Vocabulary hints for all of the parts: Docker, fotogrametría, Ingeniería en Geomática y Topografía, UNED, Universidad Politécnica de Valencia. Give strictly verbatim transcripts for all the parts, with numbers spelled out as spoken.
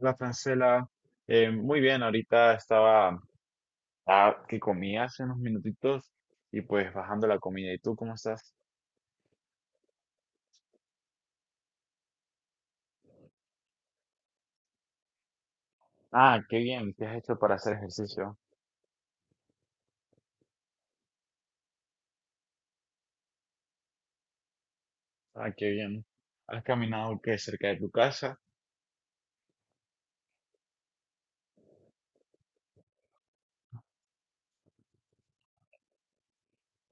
La Francela, eh, muy bien, ahorita estaba ah, que comía hace unos minutitos y pues bajando la comida. ¿Y tú cómo estás? Ah, qué bien, ¿qué has hecho para hacer ejercicio? Ah, qué bien. ¿Has caminado qué cerca de tu casa?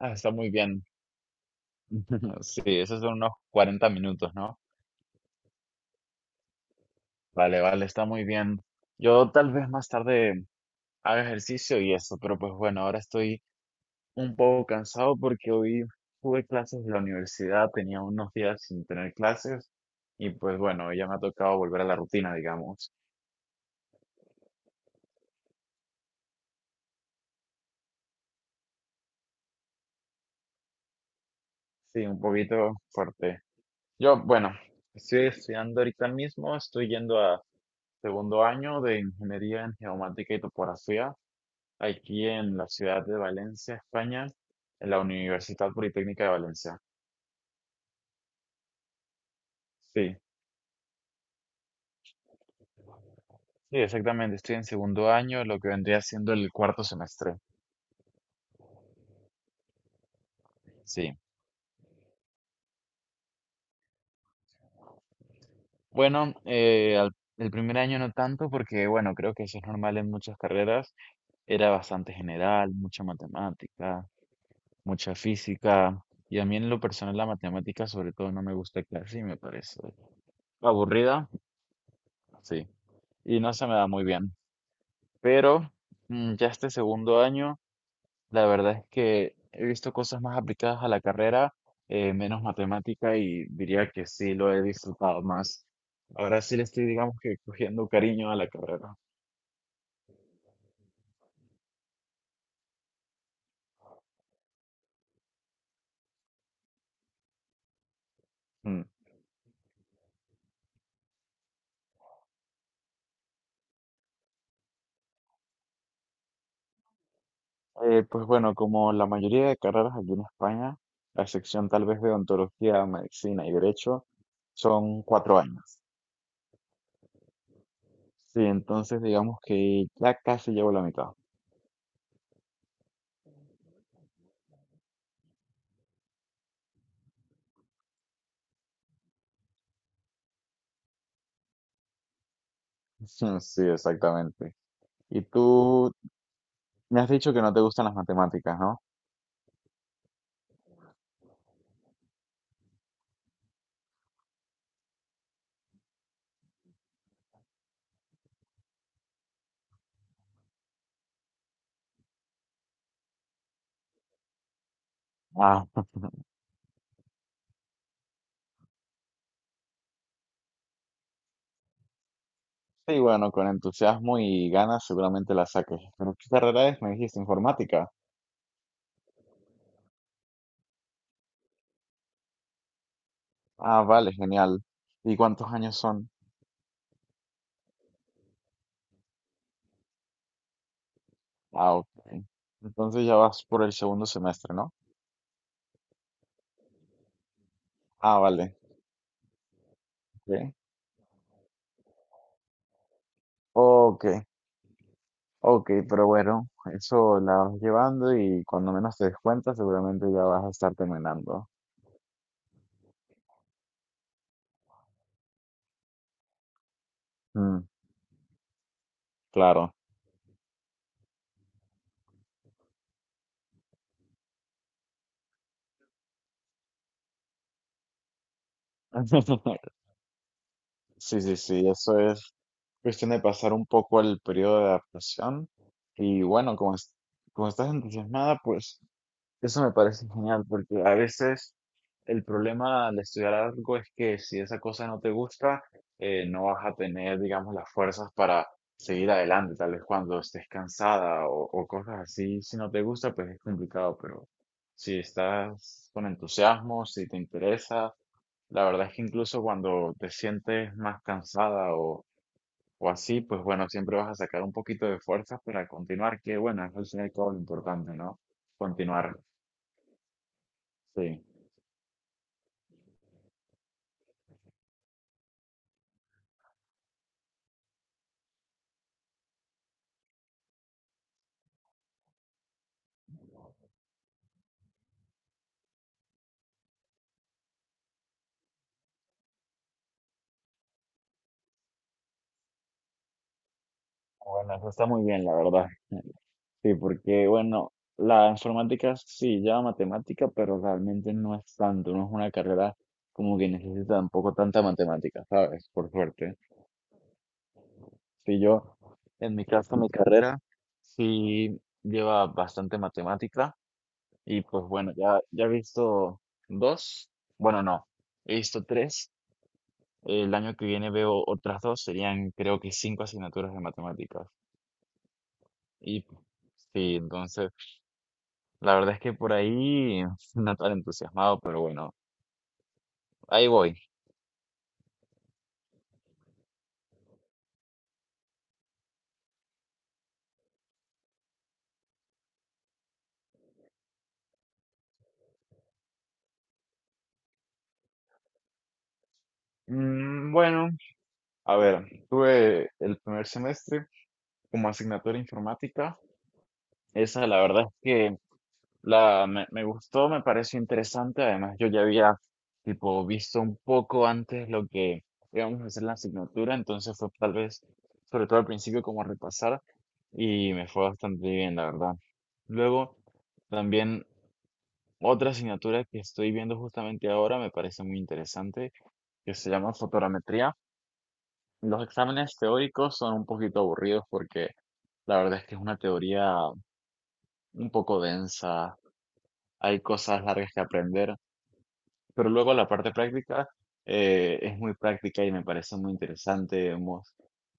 Ah, está muy bien. Sí, esos son unos cuarenta minutos, ¿no? Vale, vale, está muy bien. Yo tal vez más tarde haga ejercicio y eso, pero pues bueno, ahora estoy un poco cansado porque hoy tuve clases de la universidad, tenía unos días sin tener clases y pues bueno, ya me ha tocado volver a la rutina, digamos. Sí, un poquito fuerte. Yo, bueno, estoy estudiando ahorita mismo, estoy yendo a segundo año de Ingeniería en Geomática y Topografía aquí en la ciudad de Valencia, España, en la Universidad Politécnica de Valencia. Sí, sí, exactamente, estoy en segundo año, lo que vendría siendo el cuarto semestre. Sí. Bueno, eh, al- el primer año no tanto porque, bueno, creo que eso es normal en muchas carreras. Era bastante general, mucha matemática, mucha física. Y a mí en lo personal la matemática sobre todo no me gusta casi, me parece aburrida, sí. Y no se me da muy bien. Pero mm, ya este segundo año, la verdad es que he visto cosas más aplicadas a la carrera, eh, menos matemática y diría que sí lo he disfrutado más. Ahora sí le estoy, digamos que, cogiendo cariño a la carrera. Mm. Eh, pues bueno, como la mayoría de carreras aquí en España, la excepción tal vez de odontología, medicina y derecho, son cuatro años. Sí, entonces digamos que ya casi llevo la mitad. Sí, exactamente. Y tú me has dicho que no te gustan las matemáticas, ¿no? Ah. Sí, bueno, con entusiasmo y ganas seguramente la saques. ¿Pero qué carrera es? Me dijiste informática. Ah, vale, genial. ¿Y cuántos años son? Ah, ok. Entonces ya vas por el segundo semestre, ¿no? Ah, vale. Ok, ok, ok, pero bueno, eso la vas llevando y cuando menos te des cuenta, seguramente ya vas a estar terminando. Mm, claro. Sí, sí, sí, eso es cuestión de pasar un poco el periodo de adaptación. Y bueno, como, es- como estás entusiasmada, pues eso me parece genial, porque a veces el problema al estudiar algo es que si esa cosa no te gusta, eh, no vas a tener, digamos, las fuerzas para seguir adelante. Tal vez cuando estés cansada o, o cosas así, si no te gusta, pues es complicado, pero si estás con entusiasmo, si te interesa, la verdad es que incluso cuando te sientes más cansada o, o así, pues bueno, siempre vas a sacar un poquito de fuerzas para continuar, que bueno, es al final todo lo importante, ¿no? Continuar. Sí. Bueno, eso está muy bien, la verdad. Sí, porque, bueno, la informática sí lleva matemática, pero realmente no es tanto, no es una carrera como que necesita tampoco tanta matemática, ¿sabes? Por suerte. Si yo, en mi caso, mi carrera sí lleva bastante matemática y pues bueno, ya, ya he visto dos, bueno, no, he visto tres. El año que viene veo otras dos, serían creo que cinco asignaturas de matemáticas. Y sí, entonces... La verdad es que por ahí no tan entusiasmado, pero bueno, ahí voy. Mm, bueno, a ver, tuve el primer semestre como asignatura informática. Esa la verdad es que la, me, me gustó, me pareció interesante. Además, yo ya había tipo visto un poco antes lo que íbamos a hacer en la asignatura, entonces fue tal vez, sobre todo al principio, como repasar y me fue bastante bien, la verdad. Luego, también otra asignatura que estoy viendo justamente ahora me parece muy interesante, que se llama fotogrametría. Los exámenes teóricos son un poquito aburridos porque la verdad es que es una teoría un poco densa, hay cosas largas que aprender, pero luego la parte práctica eh, es muy práctica y me parece muy interesante. Hemos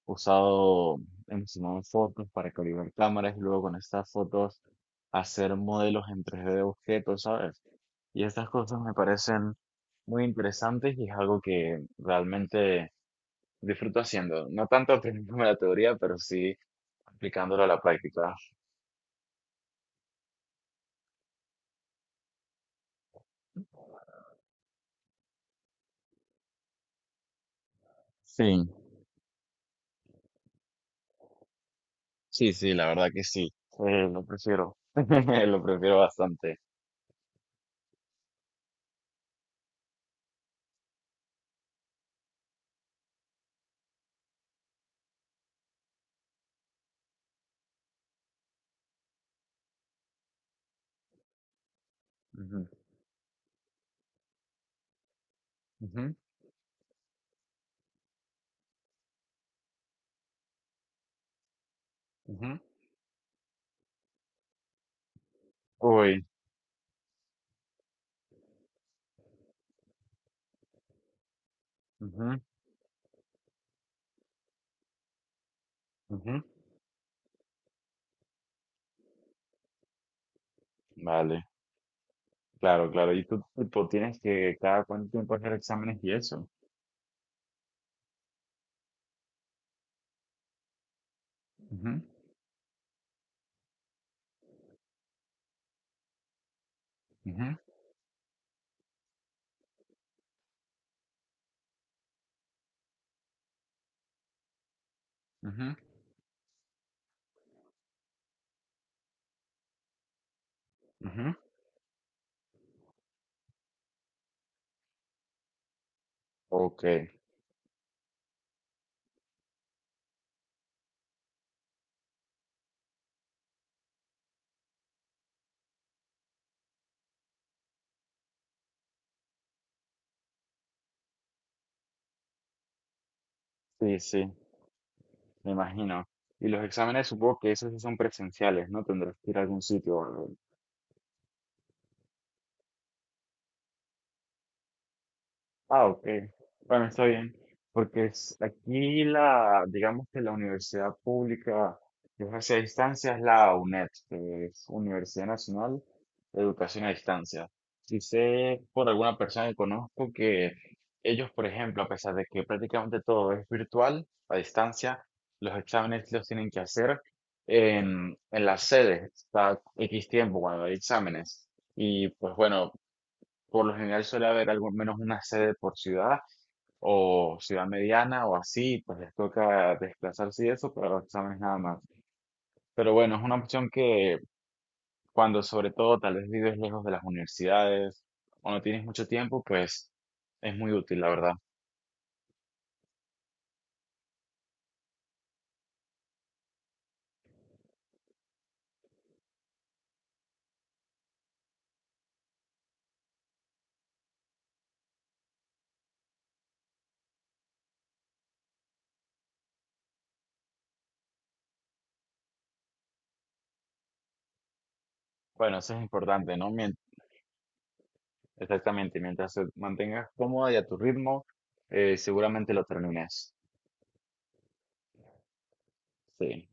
usado, hemos tomado fotos para calibrar cámaras y luego con estas fotos hacer modelos en tres D de objetos, ¿sabes? Y estas cosas me parecen muy interesantes y es algo que realmente disfruto haciendo. No tanto aprendiéndome la teoría, pero sí aplicándolo a la práctica. Sí, sí, sí, la verdad que sí. Eh, lo prefiero. Lo prefiero bastante. Ujú, ujú, ujú. Uy. Ujú, ujú. Vale, claro, claro. Y tú, tipo, tienes que cada cuánto tiempo hacer exámenes y eso. Ujú, ujú, ujú, ujú. Ok, sí, sí. Me imagino. Y los exámenes supongo que esos sí son presenciales, ¿no? Tendrás que ir a algún sitio o algo. Ah, ok. Bueno, está bien. Porque es- aquí la, digamos que la universidad pública que ofrece a distancia es la UNED, que es Universidad Nacional de Educación a Distancia. Si sé por alguna persona que conozco que ellos, por ejemplo, a pesar de que prácticamente todo es virtual, a distancia, los exámenes los tienen que hacer en, en las sedes, cada X tiempo cuando hay exámenes. Y pues bueno, por lo general suele haber al menos una sede por ciudad o ciudad mediana o así, pues les toca desplazarse y eso pero los exámenes nada más. Pero bueno, es una opción que cuando sobre todo tal vez vives lejos de las universidades o no tienes mucho tiempo, pues es muy útil, la verdad. Bueno, eso es importante, ¿no? Mien- exactamente, mientras te mantengas cómoda y a tu ritmo, eh, seguramente lo termines. Sí.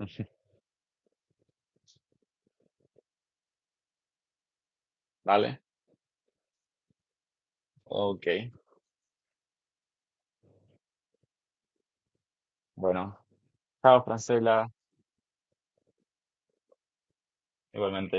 ¿Vale? Ok. Bueno, chao, Francela, igualmente.